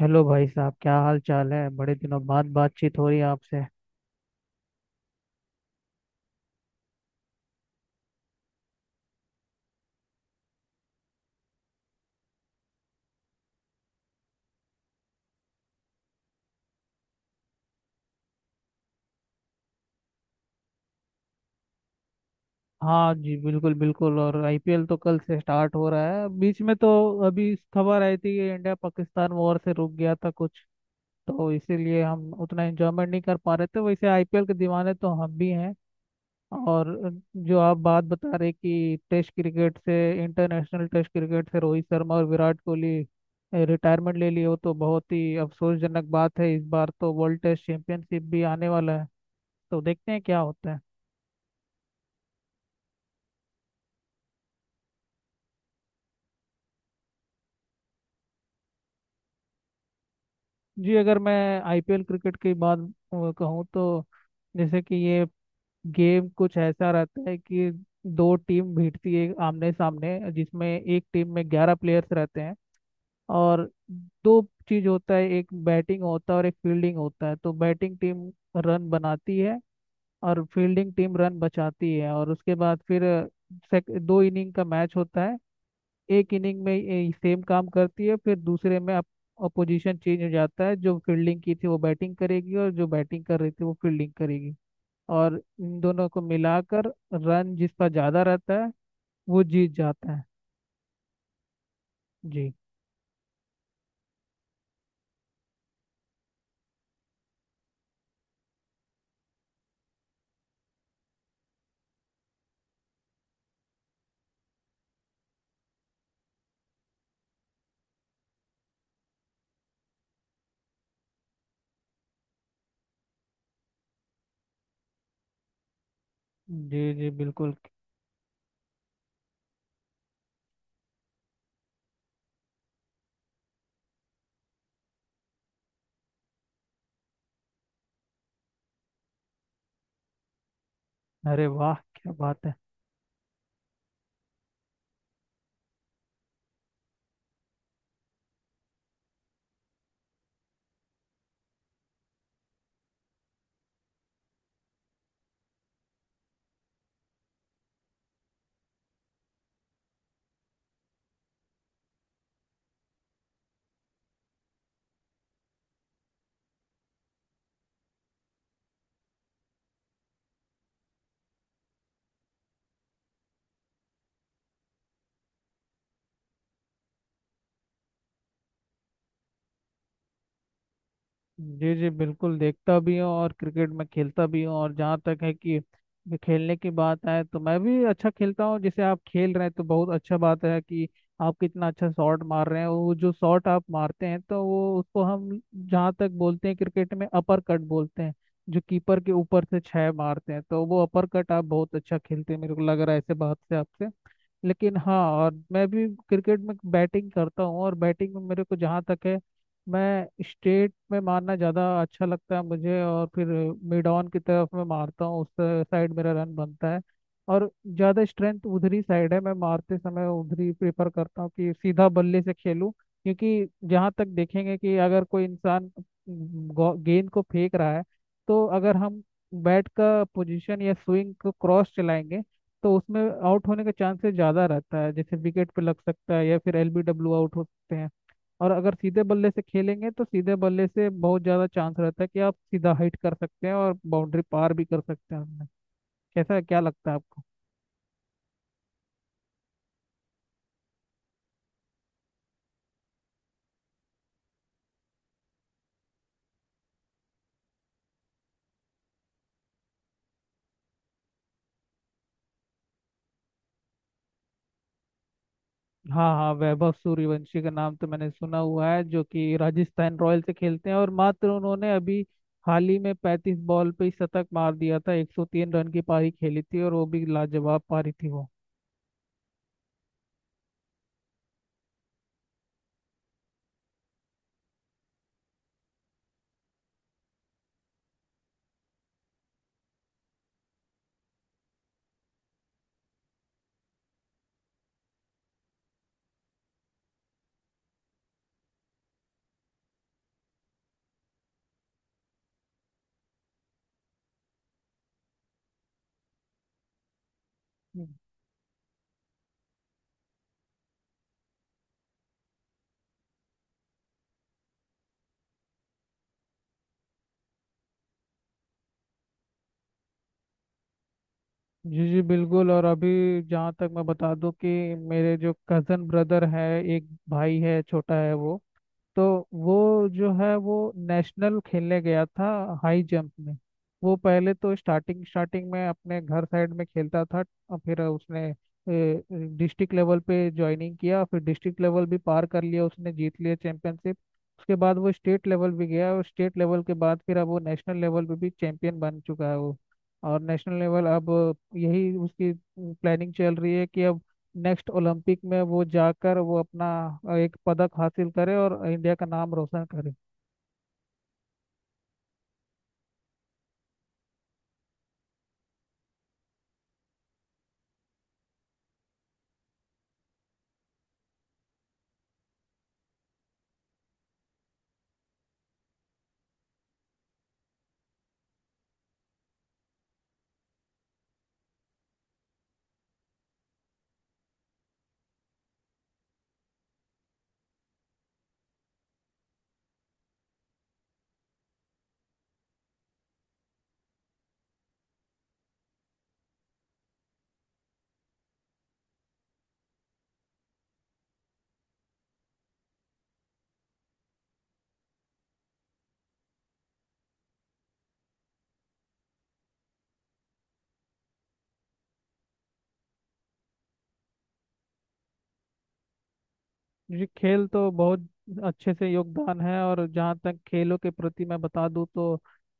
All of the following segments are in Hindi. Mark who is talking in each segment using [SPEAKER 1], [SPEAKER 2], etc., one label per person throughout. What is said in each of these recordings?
[SPEAKER 1] हेलो भाई साहब, क्या हाल चाल है? बड़े दिनों बाद बातचीत हो रही है आपसे। हाँ जी, बिल्कुल बिल्कुल। और आईपीएल तो कल से स्टार्ट हो रहा है, बीच में तो अभी खबर आई थी कि इंडिया पाकिस्तान वॉर से रुक गया था कुछ, तो इसीलिए हम उतना एंजॉयमेंट नहीं कर पा रहे थे। वैसे आईपीएल के दीवाने तो हम भी हैं। और जो आप बात बता रहे कि टेस्ट क्रिकेट से, इंटरनेशनल टेस्ट क्रिकेट से रोहित शर्मा और विराट कोहली रिटायरमेंट ले लिए हो, तो बहुत ही अफसोसजनक बात है। इस बार तो वर्ल्ड टेस्ट चैंपियनशिप भी आने वाला है, तो देखते हैं क्या होता है। जी, अगर मैं आईपीएल क्रिकेट की बात कहूँ तो जैसे कि ये गेम कुछ ऐसा रहता है कि दो टीम भिड़ती है आमने सामने, जिसमें एक टीम में 11 प्लेयर्स रहते हैं। और दो चीज होता है, एक बैटिंग होता है और एक फील्डिंग होता है। तो बैटिंग टीम रन बनाती है और फील्डिंग टीम रन बचाती है। और उसके बाद फिर दो इनिंग का मैच होता है। एक इनिंग में सेम काम करती है, फिर दूसरे में अप अपोजिशन चेंज हो जाता है। जो फील्डिंग की थी वो बैटिंग करेगी, और जो बैटिंग कर रही थी वो फील्डिंग करेगी। और इन दोनों को मिलाकर रन जिसका ज़्यादा रहता है, वो जीत जाता है। जी। जी जी बिल्कुल। अरे वाह, क्या बात है। जी जी बिल्कुल, देखता भी हूँ और क्रिकेट में खेलता भी हूँ। और जहाँ तक है कि खेलने की बात आए, तो मैं भी अच्छा खेलता हूँ। जैसे आप खेल रहे हैं तो बहुत अच्छा बात है कि आप कितना अच्छा शॉट मार रहे हैं। वो जो शॉट आप मारते हैं, तो वो, उसको हम जहाँ तक बोलते हैं क्रिकेट में, अपर कट बोलते हैं। जो कीपर के ऊपर से छः मारते हैं, तो वो अपर कट आप बहुत अच्छा खेलते हैं, मेरे को लग रहा है ऐसे बात से आपसे। लेकिन हाँ, और मैं भी क्रिकेट में बैटिंग करता हूँ। और बैटिंग में मेरे को जहाँ तक है, मैं स्टेट में मारना ज़्यादा अच्छा लगता है मुझे। और फिर मिड ऑन की तरफ मैं मारता हूँ, उस साइड मेरा रन बनता है। और ज़्यादा स्ट्रेंथ उधर ही साइड है, मैं मारते समय उधर ही प्रेफर करता हूँ कि सीधा बल्ले से खेलूँ। क्योंकि जहाँ तक देखेंगे कि अगर कोई इंसान गेंद को फेंक रहा है, तो अगर हम बैट का पोजीशन या स्विंग को क्रॉस चलाएंगे, तो उसमें आउट होने का चांसेस ज़्यादा रहता है। जैसे विकेट पे लग सकता है, या फिर एलबीडब्ल्यू आउट हो सकते हैं। और अगर सीधे बल्ले से खेलेंगे, तो सीधे बल्ले से बहुत ज़्यादा चांस रहता है कि आप सीधा हिट कर सकते हैं और बाउंड्री पार भी कर सकते हैं हमने। कैसा, क्या लगता है आपको? हाँ हाँ, वैभव सूर्यवंशी का नाम तो मैंने सुना हुआ है, जो कि राजस्थान रॉयल से खेलते हैं। और मात्र उन्होंने अभी हाल ही में 35 बॉल पे ही शतक मार दिया था, 103 रन की पारी खेली थी, और वो भी लाजवाब पारी थी वो। हम्म। जी जी बिल्कुल। और अभी जहाँ तक मैं बता दूं कि मेरे जो कज़न ब्रदर है, एक भाई है, छोटा है वो, तो वो जो है वो नेशनल खेलने गया था, हाई जंप में। वो पहले तो स्टार्टिंग स्टार्टिंग में अपने घर साइड में खेलता था। और फिर उसने डिस्ट्रिक्ट लेवल पे ज्वाइनिंग किया, फिर डिस्ट्रिक्ट लेवल भी पार कर लिया, उसने जीत लिया चैंपियनशिप। उसके बाद वो स्टेट लेवल भी गया, और स्टेट लेवल के बाद फिर अब वो नेशनल लेवल पे भी चैंपियन बन चुका है वो। और नेशनल लेवल अब, यही उसकी प्लानिंग चल रही है कि अब नेक्स्ट ओलंपिक में वो जाकर वो अपना एक पदक हासिल करे और इंडिया का नाम रोशन करे। जी, खेल तो बहुत अच्छे से योगदान है। और जहाँ तक खेलों के प्रति मैं बता दूँ तो,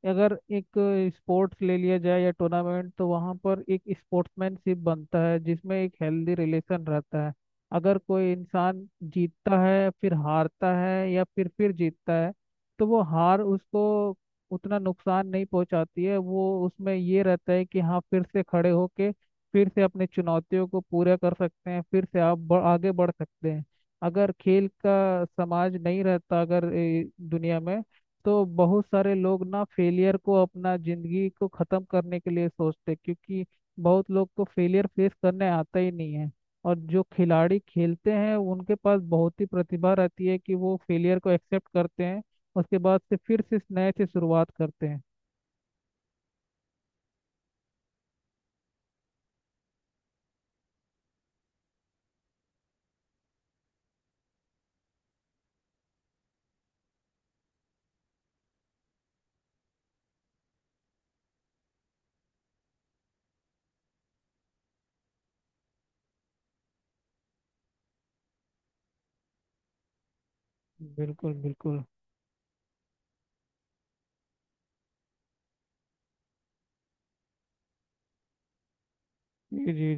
[SPEAKER 1] अगर एक स्पोर्ट्स ले लिया जाए या टूर्नामेंट, तो वहाँ पर एक स्पोर्ट्समैनशिप बनता है जिसमें एक हेल्दी रिलेशन रहता है। अगर कोई इंसान जीतता है फिर हारता है या फिर जीतता है, तो वो हार उसको उतना नुकसान नहीं पहुंचाती है। वो उसमें ये रहता है कि हाँ, फिर से खड़े होके फिर से अपनी चुनौतियों को पूरा कर सकते हैं, फिर से आप आगे बढ़ सकते हैं। अगर खेल का समाज नहीं रहता अगर दुनिया में, तो बहुत सारे लोग ना फेलियर को अपना जिंदगी को खत्म करने के लिए सोचते, क्योंकि बहुत लोग को फेलियर फेस करने आता ही नहीं है। और जो खिलाड़ी खेलते हैं उनके पास बहुत ही प्रतिभा रहती है कि वो फेलियर को एक्सेप्ट करते हैं, उसके बाद से फिर से इस नए से शुरुआत करते हैं। बिल्कुल बिल्कुल। जी जी।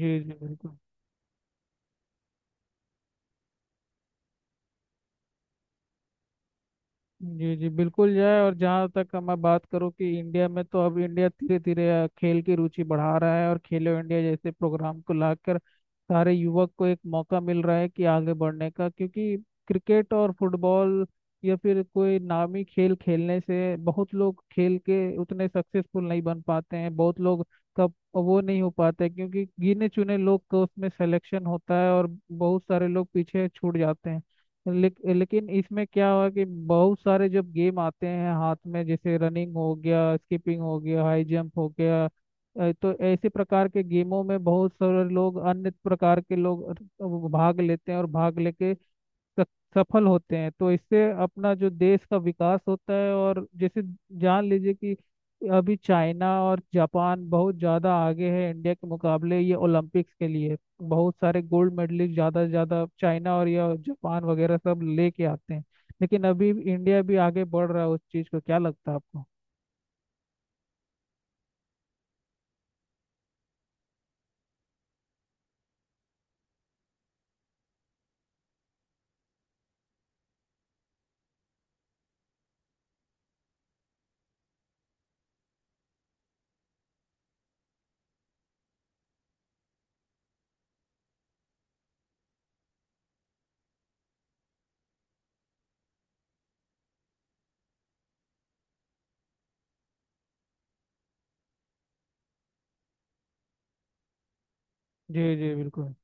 [SPEAKER 1] जी जी बिल्कुल। जी जी बिल्कुल जाए। और जहाँ तक मैं बात करूँ कि इंडिया में, तो अब इंडिया धीरे धीरे खेल की रुचि बढ़ा रहा है, और खेलो इंडिया जैसे प्रोग्राम को लाकर सारे युवक को एक मौका मिल रहा है कि आगे बढ़ने का। क्योंकि क्रिकेट और फुटबॉल या फिर कोई नामी खेल खेलने से बहुत लोग खेल के उतने सक्सेसफुल नहीं बन पाते हैं, बहुत लोग का वो नहीं हो पाता है, क्योंकि गिने चुने लोग का उसमें सिलेक्शन होता है और बहुत सारे लोग पीछे छूट जाते हैं। लेकिन इसमें क्या हुआ कि बहुत सारे जब गेम आते हैं हाथ में, जैसे रनिंग हो गया, स्कीपिंग हो गया, हाई जंप हो गया तो ऐसे प्रकार के गेमों में बहुत सारे लोग, अन्य प्रकार के लोग वो भाग लेते हैं, और भाग लेके स- सफल होते हैं। तो इससे अपना जो देश का विकास होता है। और जैसे जान लीजिए कि अभी चाइना और जापान बहुत ज़्यादा आगे है इंडिया के मुकाबले, ये ओलंपिक्स के लिए बहुत सारे गोल्ड मेडलिस्ट ज़्यादा से ज़्यादा चाइना और या जापान वगैरह सब लेके आते हैं। लेकिन अभी इंडिया भी आगे बढ़ रहा है उस चीज़ को, क्या लगता है आपको? जी जी बिल्कुल।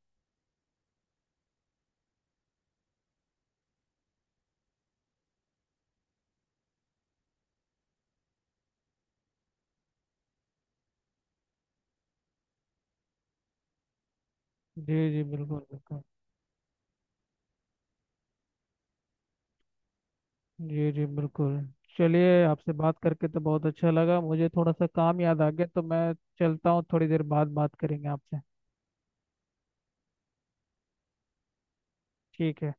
[SPEAKER 1] जी जी बिल्कुल बिल्कुल। जी जी बिल्कुल। चलिए, आपसे बात करके तो बहुत अच्छा लगा। मुझे थोड़ा सा काम याद आ गया तो मैं चलता हूँ, थोड़ी देर बाद बात करेंगे आपसे। ठीक है।